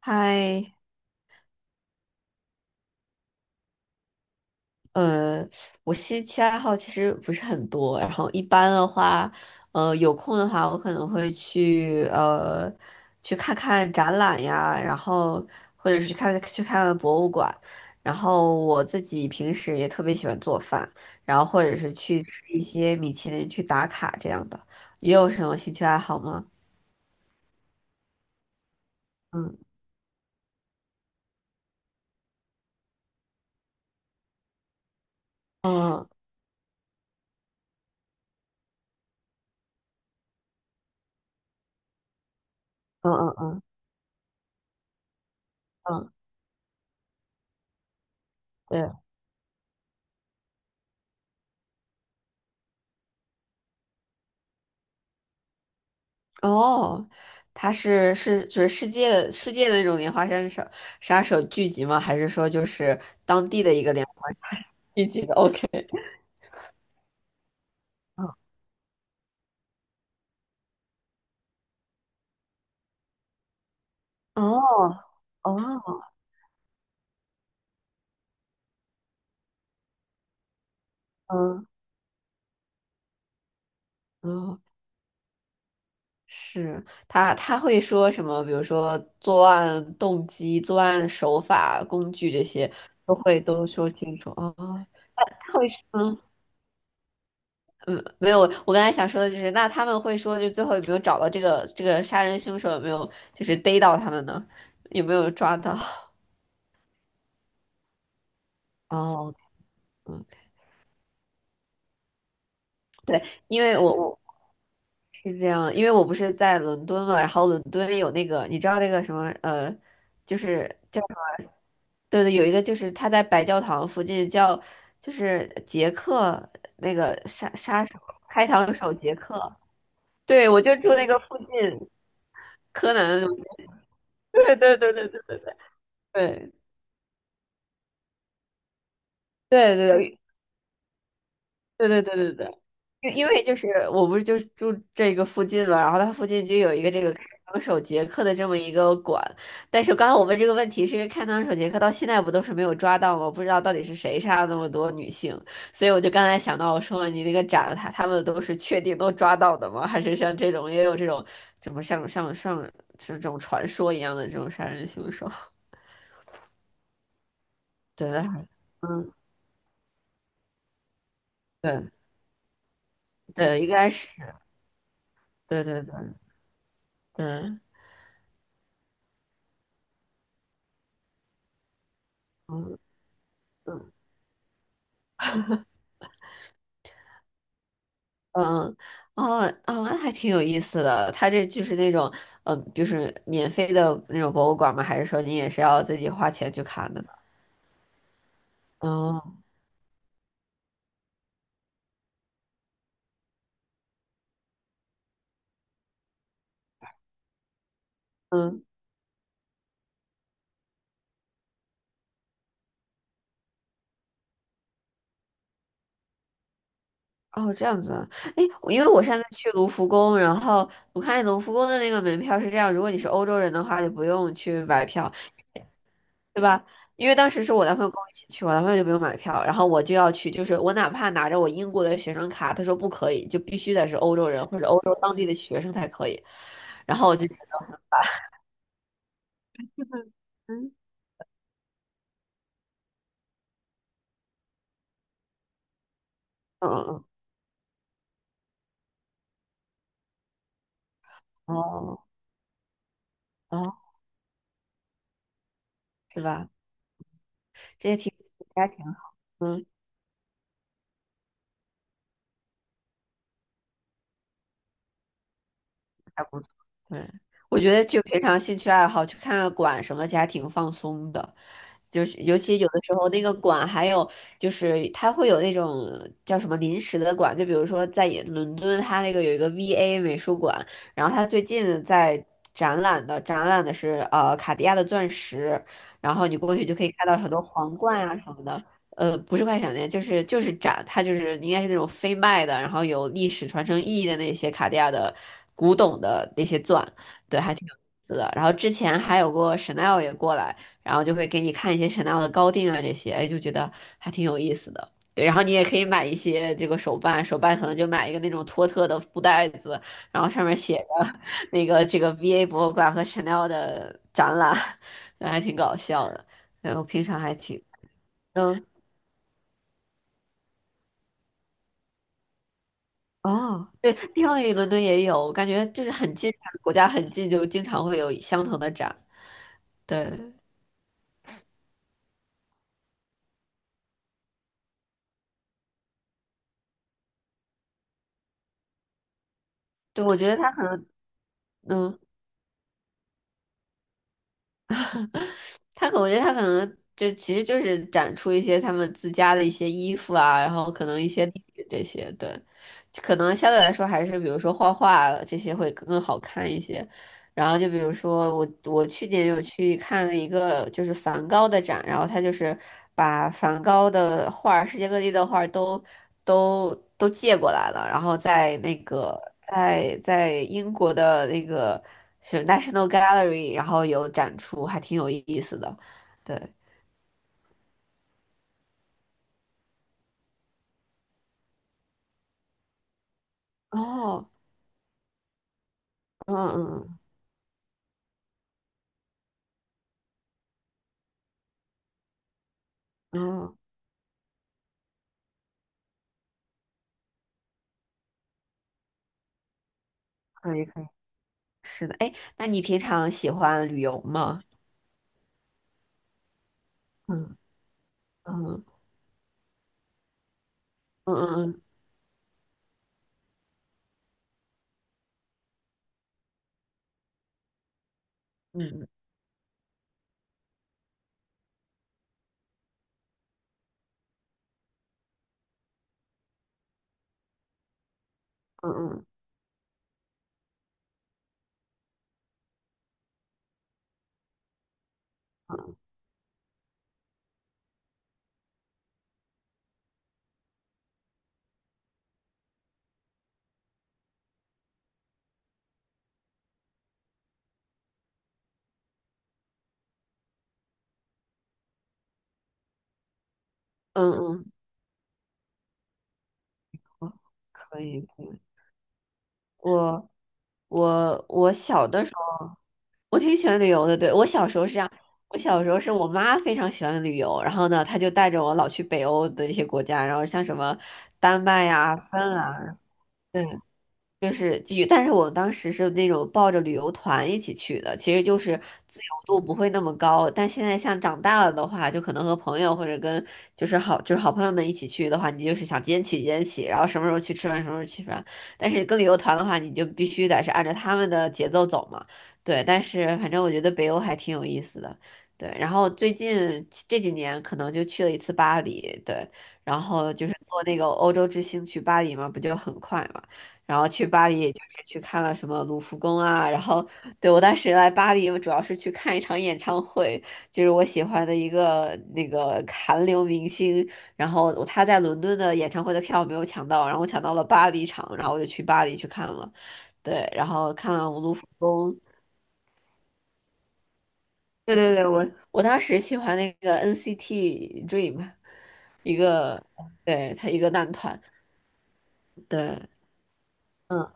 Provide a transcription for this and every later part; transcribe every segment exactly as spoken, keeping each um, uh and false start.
嗨，呃，我兴趣爱好其实不是很多，然后一般的话，呃，有空的话，我可能会去呃去看看展览呀，然后或者是去看去看看博物馆，然后我自己平时也特别喜欢做饭，然后或者是去吃一些米其林去打卡这样的。你有什么兴趣爱好吗？嗯嗯嗯嗯嗯嗯，对。哦，他是是就是世界的世界的那种连环杀手杀手聚集吗？还是说就是当地的一个连花聚集的 ？OK，哦哦，嗯嗯，是他他会说什么？比如说作案动机、作案手法、工具这些都会都说清楚哦。他会说，嗯，没有，我刚才想说的就是，那他们会说，就最后有没有找到这个这个杀人凶手，有没有就是逮到他们呢？有没有抓到？哦，嗯，对，因为我我是这样，因为我不是在伦敦嘛，然后伦敦有那个，你知道那个什么呃，就是叫什么？对对，有一个就是他在白教堂附近叫，就是杰克那个杀杀手开膛手杰克，对，我就住那个附近，柯南，对对对对对对对。对对对对对对对对对，因因为就是我不是就住这个附近嘛，然后它附近就有一个这个开膛手杰克的这么一个馆，但是刚才我问这个问题，是因为开膛手杰克到现在不都是没有抓到吗？不知道到底是谁杀了那么多女性，所以我就刚才想到，我说你那个展，他他们都是确定都抓到的吗？还是像这种也有这种怎么像像像这种传说一样的这种杀人凶手 对的，嗯，对对，应该是，对对对对，嗯。嗯嗯，哦，哦，那还挺有意思的。它这就是那种，嗯，就是免费的那种博物馆吗？还是说你也是要自己花钱去看的呢？哦，嗯，哦，这样子啊。哎，我因为我上次去卢浮宫，然后我看卢浮宫的那个门票是这样，如果你是欧洲人的话，就不用去买票，对吧？因为当时是我男朋友跟我一起去，我男朋友就不用买票，然后我就要去，就是我哪怕拿着我英国的学生卡，他说不可以，就必须得是欧洲人或者欧洲当地的学生才可以。然后我就觉得。嗯嗯嗯，哦哦，是吧？这些题目还挺好。嗯，还不错。对，我觉得就平常兴趣爱好去看看馆什么，其实还挺放松的。就是尤其有的时候那个馆还有就是它会有那种叫什么临时的馆，就比如说在伦敦，它那个有一个 V A 美术馆，然后它最近在展览的展览的是呃卡地亚的钻石，然后你过去就可以看到很多皇冠啊什么的，呃，不是快闪店，就是就是展，它就是应该是那种非卖的，然后有历史传承意义的那些卡地亚的古董的那些钻，对，还挺有意思的。然后之前还有过 Chanel 也过来，然后就会给你看一些 Chanel 的高定啊这些，哎，就觉得还挺有意思的。对，然后你也可以买一些这个手办，手办可能就买一个那种托特的布袋子，然后上面写着那个这个 V A 博物馆和 Chanel 的展览，对还挺搞笑的。然后平常还挺。嗯，哦，对，迪奥里伦敦也有，我感觉就是很近，国家很近，就经常会有相同的展。对，对，我觉得它很，嗯。他可我觉得他可能就其实就是展出一些他们自家的一些衣服啊，然后可能一些历史这些，对，可能相对来说还是比如说画画这些会更好看一些。然后就比如说我我去年有去看了一个就是梵高的展，然后他就是把梵高的画儿世界各地的画儿都都都借过来了，然后在那个在在英国的那个。是 National Gallery，然后有展出，还挺有意思的。对，哦，嗯嗯嗯，可以可以，是的。哎，那你平常喜欢旅游吗？嗯嗯嗯嗯嗯嗯嗯嗯嗯，嗯可以可以。我我我小的时候，我挺喜欢旅游的。对，我小时候是这样，我小时候是我妈非常喜欢旅游，然后呢，她就带着我老去北欧的一些国家，然后像什么丹麦呀、芬兰。就是就有，但是我当时是那种抱着旅游团一起去的，其实就是自由度不会那么高。但现在像长大了的话，就可能和朋友或者跟就是好就是好朋友们一起去的话，你就是想几点起几点起，然后什么时候去吃饭什么时候去吃饭。但是跟旅游团的话，你就必须得是按照他们的节奏走嘛。对，但是反正我觉得北欧还挺有意思的。对，然后最近这几年可能就去了一次巴黎，对，然后就是坐那个欧洲之星去巴黎嘛，不就很快嘛。然后去巴黎也就是去看了什么卢浮宫啊，然后对我当时来巴黎，我主要是去看一场演唱会，就是我喜欢的一个那个韩流明星，然后他在伦敦的演唱会的票没有抢到，然后我抢到了巴黎场，然后我就去巴黎去看了，对，然后看了卢浮宫，对对对，我我当时喜欢那个 N C T Dream，一个对他一个男团，对，嗯，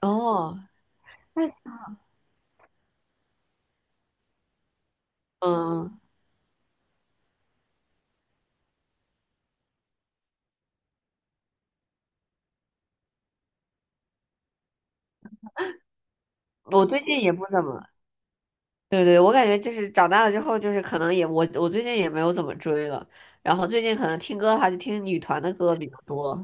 哦，那嗯。我最近也不怎么。对对，我感觉就是长大了之后，就是可能也我我最近也没有怎么追了，然后最近可能听歌的话，就听女团的歌比较多，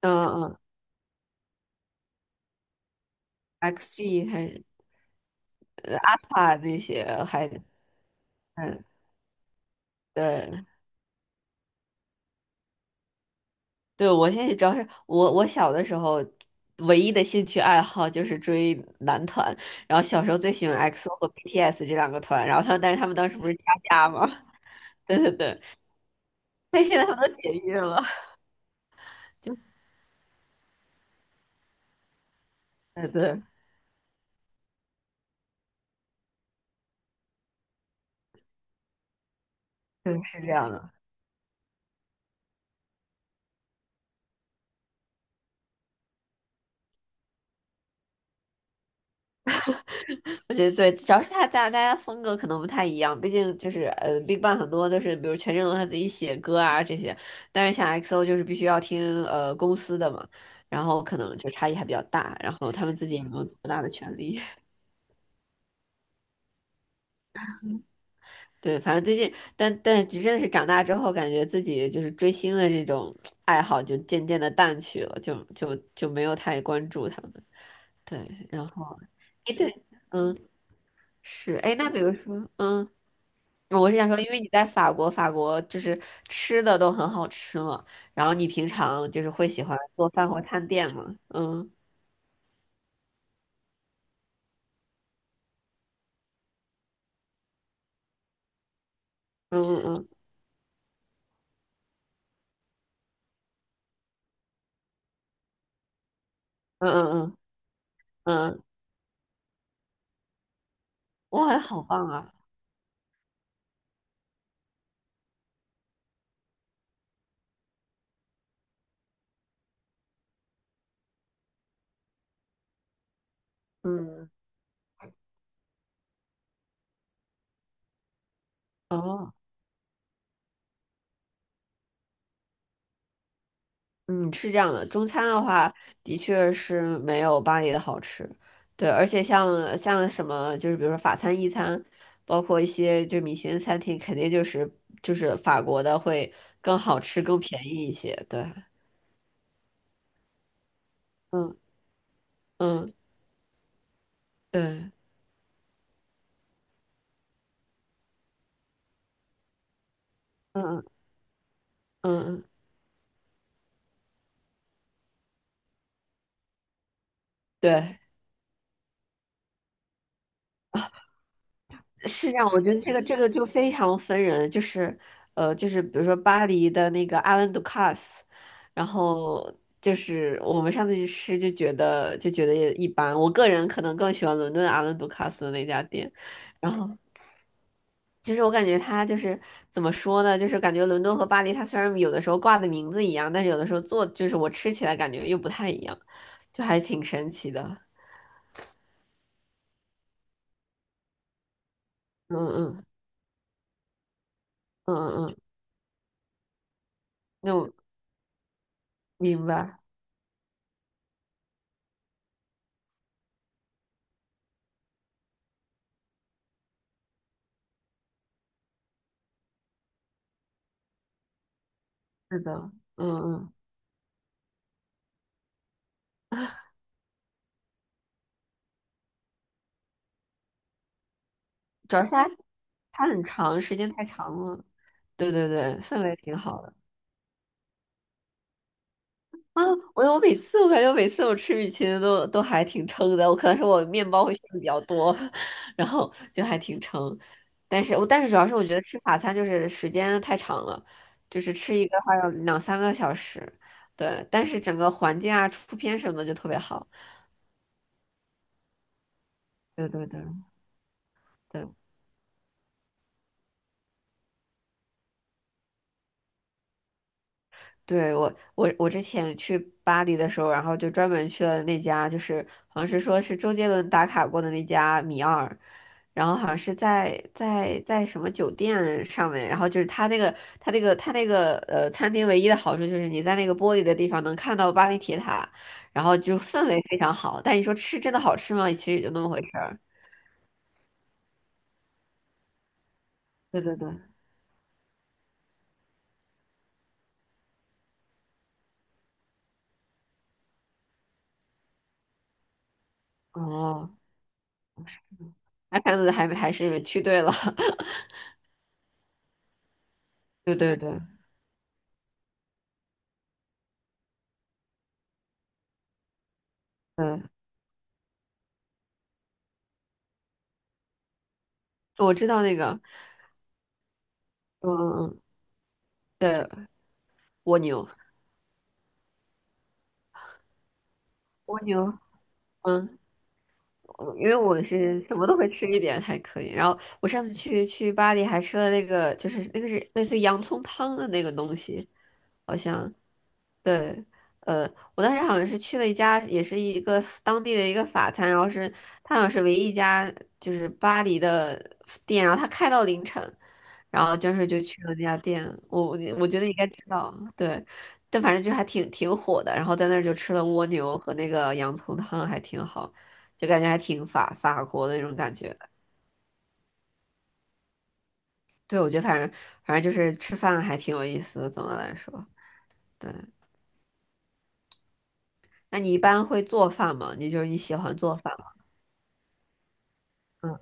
嗯嗯，X G 还 aespa 那些还嗯对对，我现在主要是我我小的时候唯一的兴趣爱好就是追男团，然后小时候最喜欢 X O 和 B T S 这两个团，然后他们但是他们当时不是掐架吗？对对对，但现在他们都解约了，就对对对，是这样的。我觉得对，主要是他大大家风格可能不太一样，毕竟就是呃，BigBang 很多都是比如权志龙他自己写歌啊这些，但是像 X O 就是必须要听呃公司的嘛，然后可能就差异还比较大，然后他们自己也没有多大的权利。对，反正最近，但但真的是长大之后，感觉自己就是追星的这种爱好就渐渐的淡去了，就就就没有太关注他们。对，然后哎对，嗯是哎，那比如说嗯。我是想说，因为你在法国，法国就是吃的都很好吃嘛，然后你平常就是会喜欢做饭或探店吗？嗯嗯嗯嗯嗯嗯嗯，嗯哇，好棒啊！嗯哦，嗯，是这样的，中餐的话的确是没有巴黎的好吃，对，而且像像什么就是比如说法餐、意餐，包括一些就是米其林餐厅，肯定就是就是法国的会更好吃、更便宜一些，对，嗯嗯对。嗯嗯嗯，对，是这样。我觉得这个这个就非常分人，就是呃，就是比如说巴黎的那个阿兰杜卡斯，然后就是我们上次去吃就觉得就觉得也一般。我个人可能更喜欢伦敦阿兰杜卡斯的那家店，然后。就是我感觉它就是怎么说呢，就是感觉伦敦和巴黎，它虽然有的时候挂的名字一样，但是有的时候做就是我吃起来感觉又不太一样，就还挺神奇的。嗯嗯嗯嗯嗯，那我明白。是的，嗯嗯，主要是它它很长，时间太长了。对对对，氛围挺好的啊！我我每次我感觉我每次我吃米其林都都还挺撑的，我可能是我面包会吃的比较多，然后就还挺撑。但是我但是主要是我觉得吃法餐就是时间太长了，就是吃一个话要两三个小时。对，但是整个环境啊、出片什么的就特别好。对对对对。对，我，我我之前去巴黎的时候，然后就专门去了那家，就是好像是说是周杰伦打卡过的那家米二，然后好像是在在在什么酒店上面，然后就是他那个他那个他那个呃餐厅唯一的好处就是你在那个玻璃的地方能看到巴黎铁塔，然后就氛围非常好。但你说吃真的好吃吗？其实也就那么回事儿。对对对，哦，那看来还还是你们去对了。对对对，对，嗯我知道那个嗯嗯嗯。蜗牛。蜗牛，嗯，我因为我是什么都会吃一点，还可以。然后我上次去去巴黎还吃了那个，就是那个是类似于洋葱汤的那个东西，好像。对，呃，我当时好像是去了一家，也是一个当地的一个法餐，然后是它好像是唯一一家就是巴黎的店，然后它开到凌晨，然后就是就去了那家店，我我我觉得应该知道，对，但反正就还挺挺火的，然后在那儿就吃了蜗牛和那个洋葱汤，还挺好，就感觉还挺法法国的那种感觉。对，我觉得反正反正就是吃饭还挺有意思的，总的来说，对。那你一般会做饭吗？你就是你喜欢做饭吗？嗯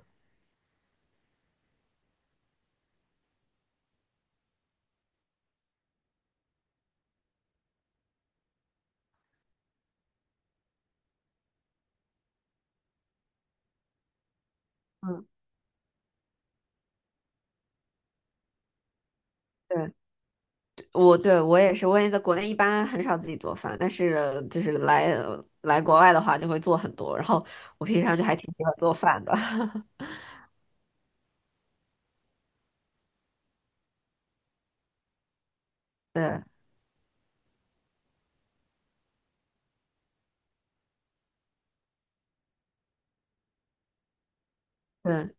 嗯，对，我对我也是，我也在国内一般很少自己做饭，但是就是来来国外的话就会做很多，然后我平常就还挺喜欢做饭的，对对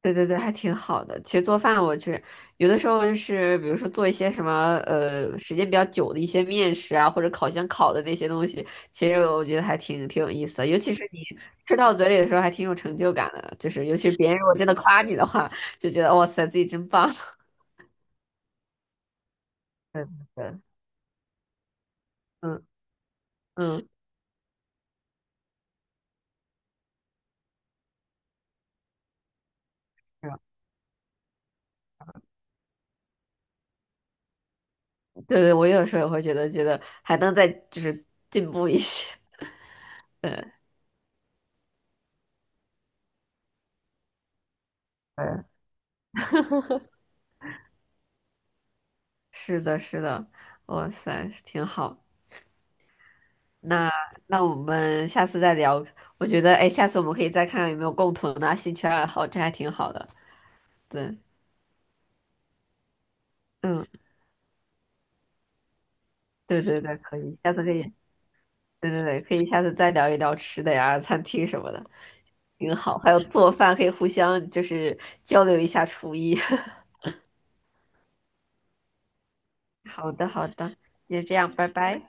对对对，还挺好的。其实做饭我去有的时候就是比如说做一些什么呃时间比较久的一些面食啊，或者烤箱烤的那些东西，其实我觉得还挺挺有意思的，尤其是你吃到嘴里的时候还挺有成就感的，就是尤其是别人如果真的夸你的话，就觉得哇塞自己真棒，对对对，嗯嗯。是吧 对对，我有时候也会觉得，觉得还能再就是进步一些。对对，是的，是的，哇塞，挺好。那那我们下次再聊。我觉得，哎，下次我们可以再看看有没有共同的兴趣爱好，这还挺好的。对，嗯，对对对，可以，下次可以，对对对，可以下次再聊一聊吃的呀、餐厅什么的，挺好。还有做饭，可以互相就是交流一下厨艺。好的，好的，那就这样，拜拜。